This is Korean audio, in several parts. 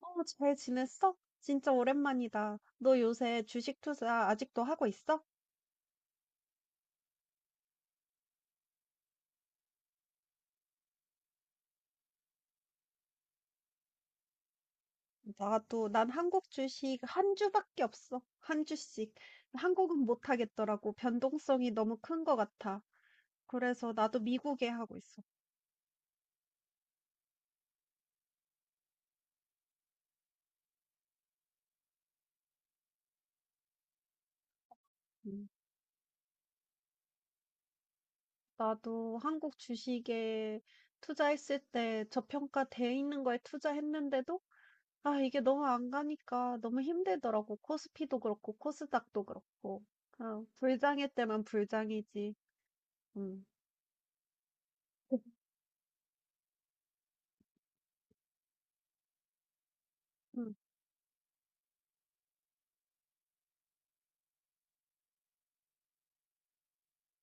어, 잘 지냈어? 진짜 오랜만이다. 너 요새 주식 투자 아직도 하고 있어? 나도, 난 한국 주식 한 주밖에 없어. 한 주씩. 한국은 못 하겠더라고. 변동성이 너무 큰 것 같아. 그래서 나도 미국에 하고 있어. 음, 나도 한국 주식에 투자했을 때 저평가돼 있는 거에 투자했는데도 아, 이게 너무 안 가니까 너무 힘들더라고. 코스피도 그렇고 코스닥도 그렇고. 아, 불장일 때만 불장이지. 음. 음.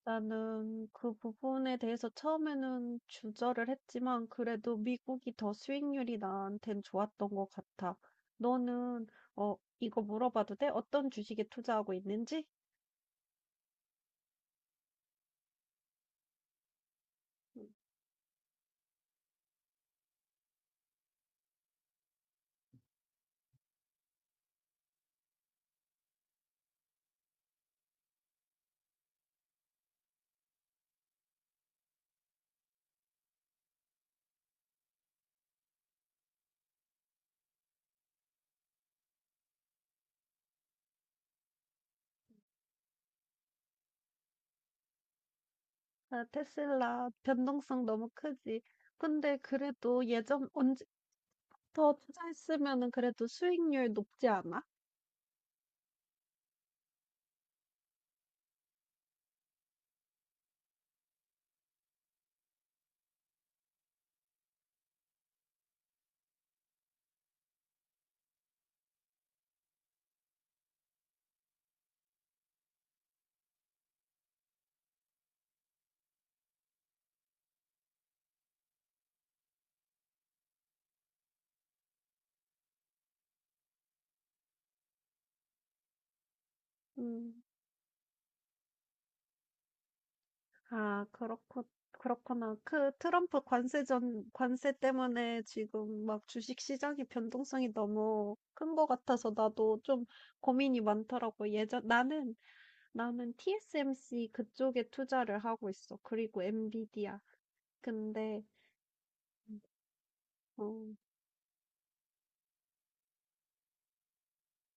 나는 그 부분에 대해서 처음에는 주저를 했지만 그래도 미국이 더 수익률이 나한텐 좋았던 것 같아. 너는 이거 물어봐도 돼? 어떤 주식에 투자하고 있는지? 음. 아, 테슬라 변동성 너무 크지. 근데 그래도 예전 언제부터 투자했으면은 그래도 수익률 높지 않아? 음. 아, 그렇구나. 그 트럼프 관세 때문에 지금 막 주식 시장의 변동성이 너무 큰 것 같아서 나도 좀 고민이 많더라고. 나는 TSMC 그쪽에 투자를 하고 있어. 그리고 엔비디아. 근데, 어,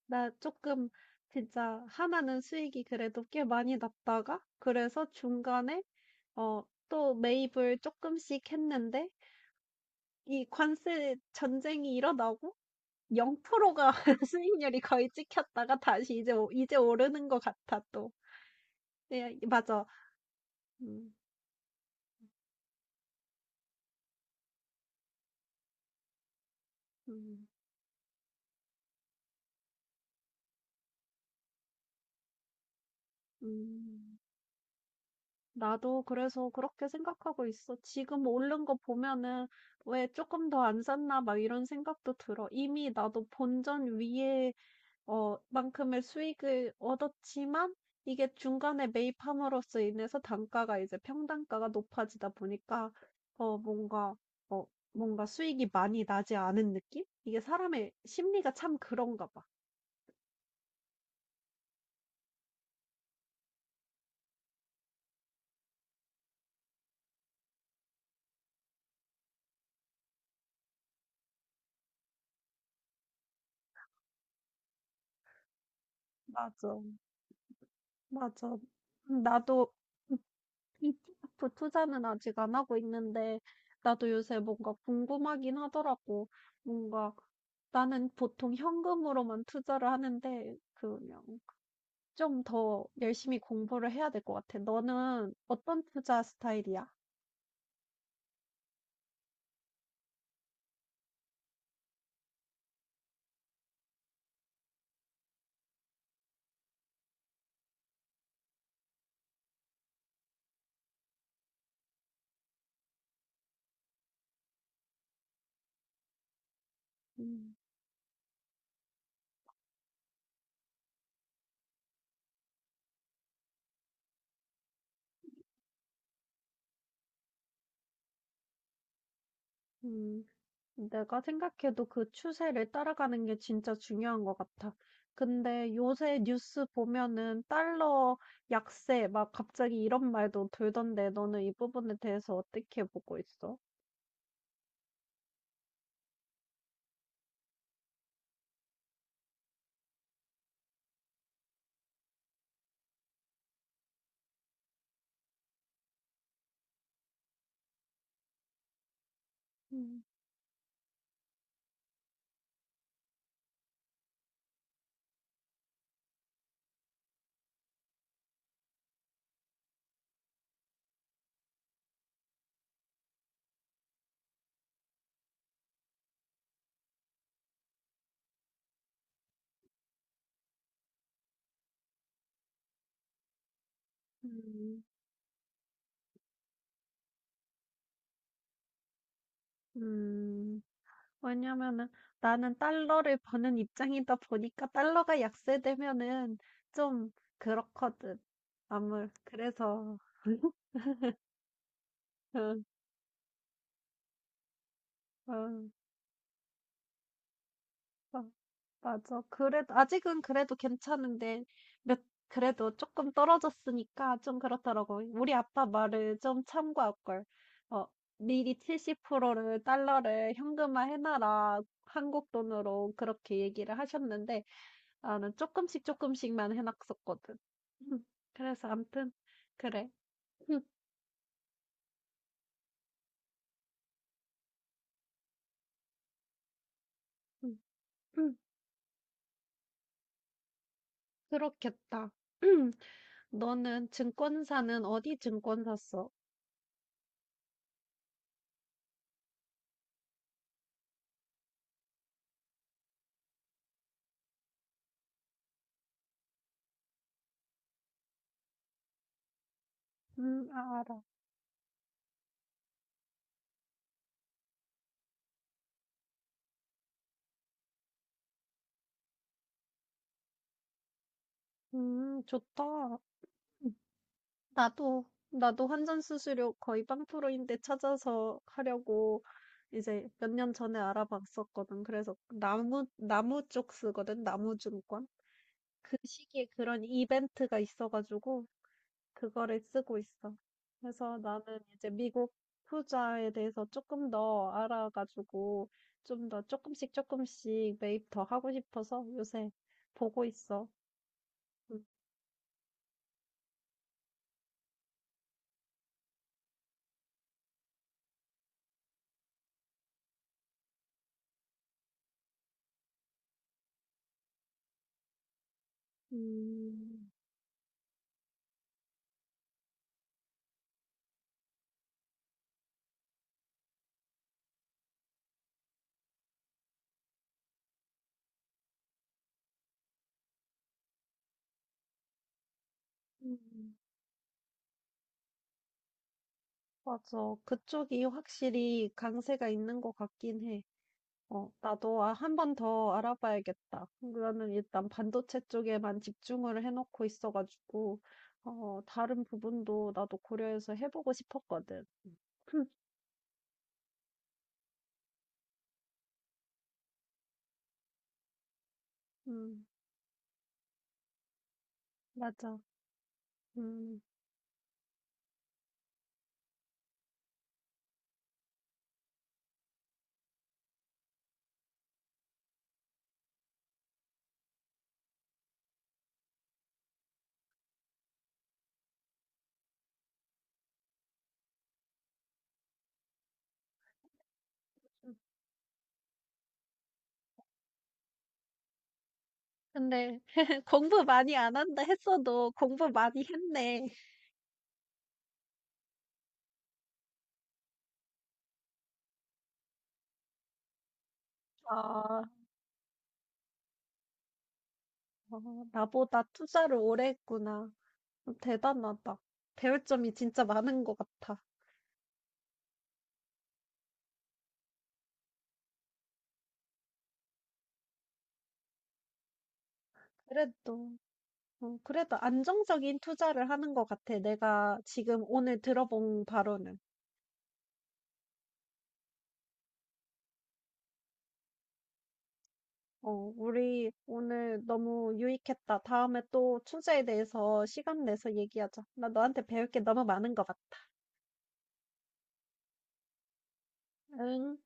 나 조금 진짜 하나는 수익이 그래도 꽤 많이 났다가 그래서 중간에 어, 또 매입을 조금씩 했는데 이 관세 전쟁이 일어나고 0%가 수익률이 거의 찍혔다가 다시 이제 오 이제 오르는 것 같아 또. 네 맞아. 음. 음. 음. 나도 그래서 그렇게 생각하고 있어. 지금 오른 거 보면은 '왜 조금 더 안 샀나?' 막 이런 생각도 들어. 이미 나도 본전 위에 만큼의 수익을 얻었지만 이게 중간에 매입함으로써 인해서 단가가 이제 평단가가 높아지다 보니까 어 뭔가 어 뭔가 수익이 많이 나지 않은 느낌? 이게 사람의 심리가 참 그런가 봐. 맞아. 맞아. 나도 ETF 투자는 아직 안 하고 있는데 나도 요새 뭔가 궁금하긴 하더라고. 뭔가 나는 보통 현금으로만 투자를 하는데 그 그냥 좀 더 열심히 공부를 해야 될 것 같아. 너는 어떤 투자 스타일이야? 음, 음, 내가 생각해도 그 추세를 따라가는 게 진짜 중요한 것 같아. 근데 요새 뉴스 보면은 달러 약세 막 갑자기 이런 말도 돌던데 너는 이 부분에 대해서 어떻게 보고 있어? 음, 음, 음. 왜냐면은 나는 달러를 버는 입장이다 보니까 달러가 약세되면은 좀 그렇거든. 아무 그래서 응, 응, 어, 맞아. 그래도 아직은 그래도 괜찮은데 몇 그래도 조금 떨어졌으니까 좀 그렇더라고. 우리 아빠 말을 좀 참고할 걸. 어, 미리 70%를 달러를 현금화 해놔라. 한국 돈으로 그렇게 얘기를 하셨는데 나는 조금씩 조금씩만 해 놨었거든. 음. 그래서 암튼 그래. 음 음 음 그렇겠다. 음, 너는 증권사는 어디 증권사 써? 아 알아. 좋다. 음 나도 환전 수수료 거의 로인데 찾아서 하려고 이제 몇 년 전에 알아봤었거든. 그래서 나무 쪽 쓰거든, 나무증권. 그 시기에 그런 이벤트가 있어 가지고 그거를 쓰고 있어. 그래서 나는 이제 미국 투자에 대해서 조금 더 알아가지고 좀 더 조금씩 조금씩 매입 더 하고 싶어서 요새 보고 있어. 음, 음, 음, 맞아. 그쪽이 확실히 강세가 있는 것 같긴 해. 나도 아, 한 번 더 알아봐야겠다. 나는 일단 반도체 쪽에만 집중을 해놓고 있어가지고, 다른 부분도 나도 고려해서 해보고 싶었거든. 음. 맞아. 음. 음. 근데 공부 많이 안 한다 했어도 공부 많이 했네. 아, 어, 나보다 투자를 오래 했구나. 대단하다. 배울 점이 진짜 많은 것 같아. 그래도, 그래도 안정적인 투자를 하는 것 같아. 내가 지금 오늘 들어본 바로는. 우리 오늘 너무 유익했다. 다음에 또 투자에 대해서 시간 내서 얘기하자. 나 너한테 배울 게 너무 많은 것 같아. 응.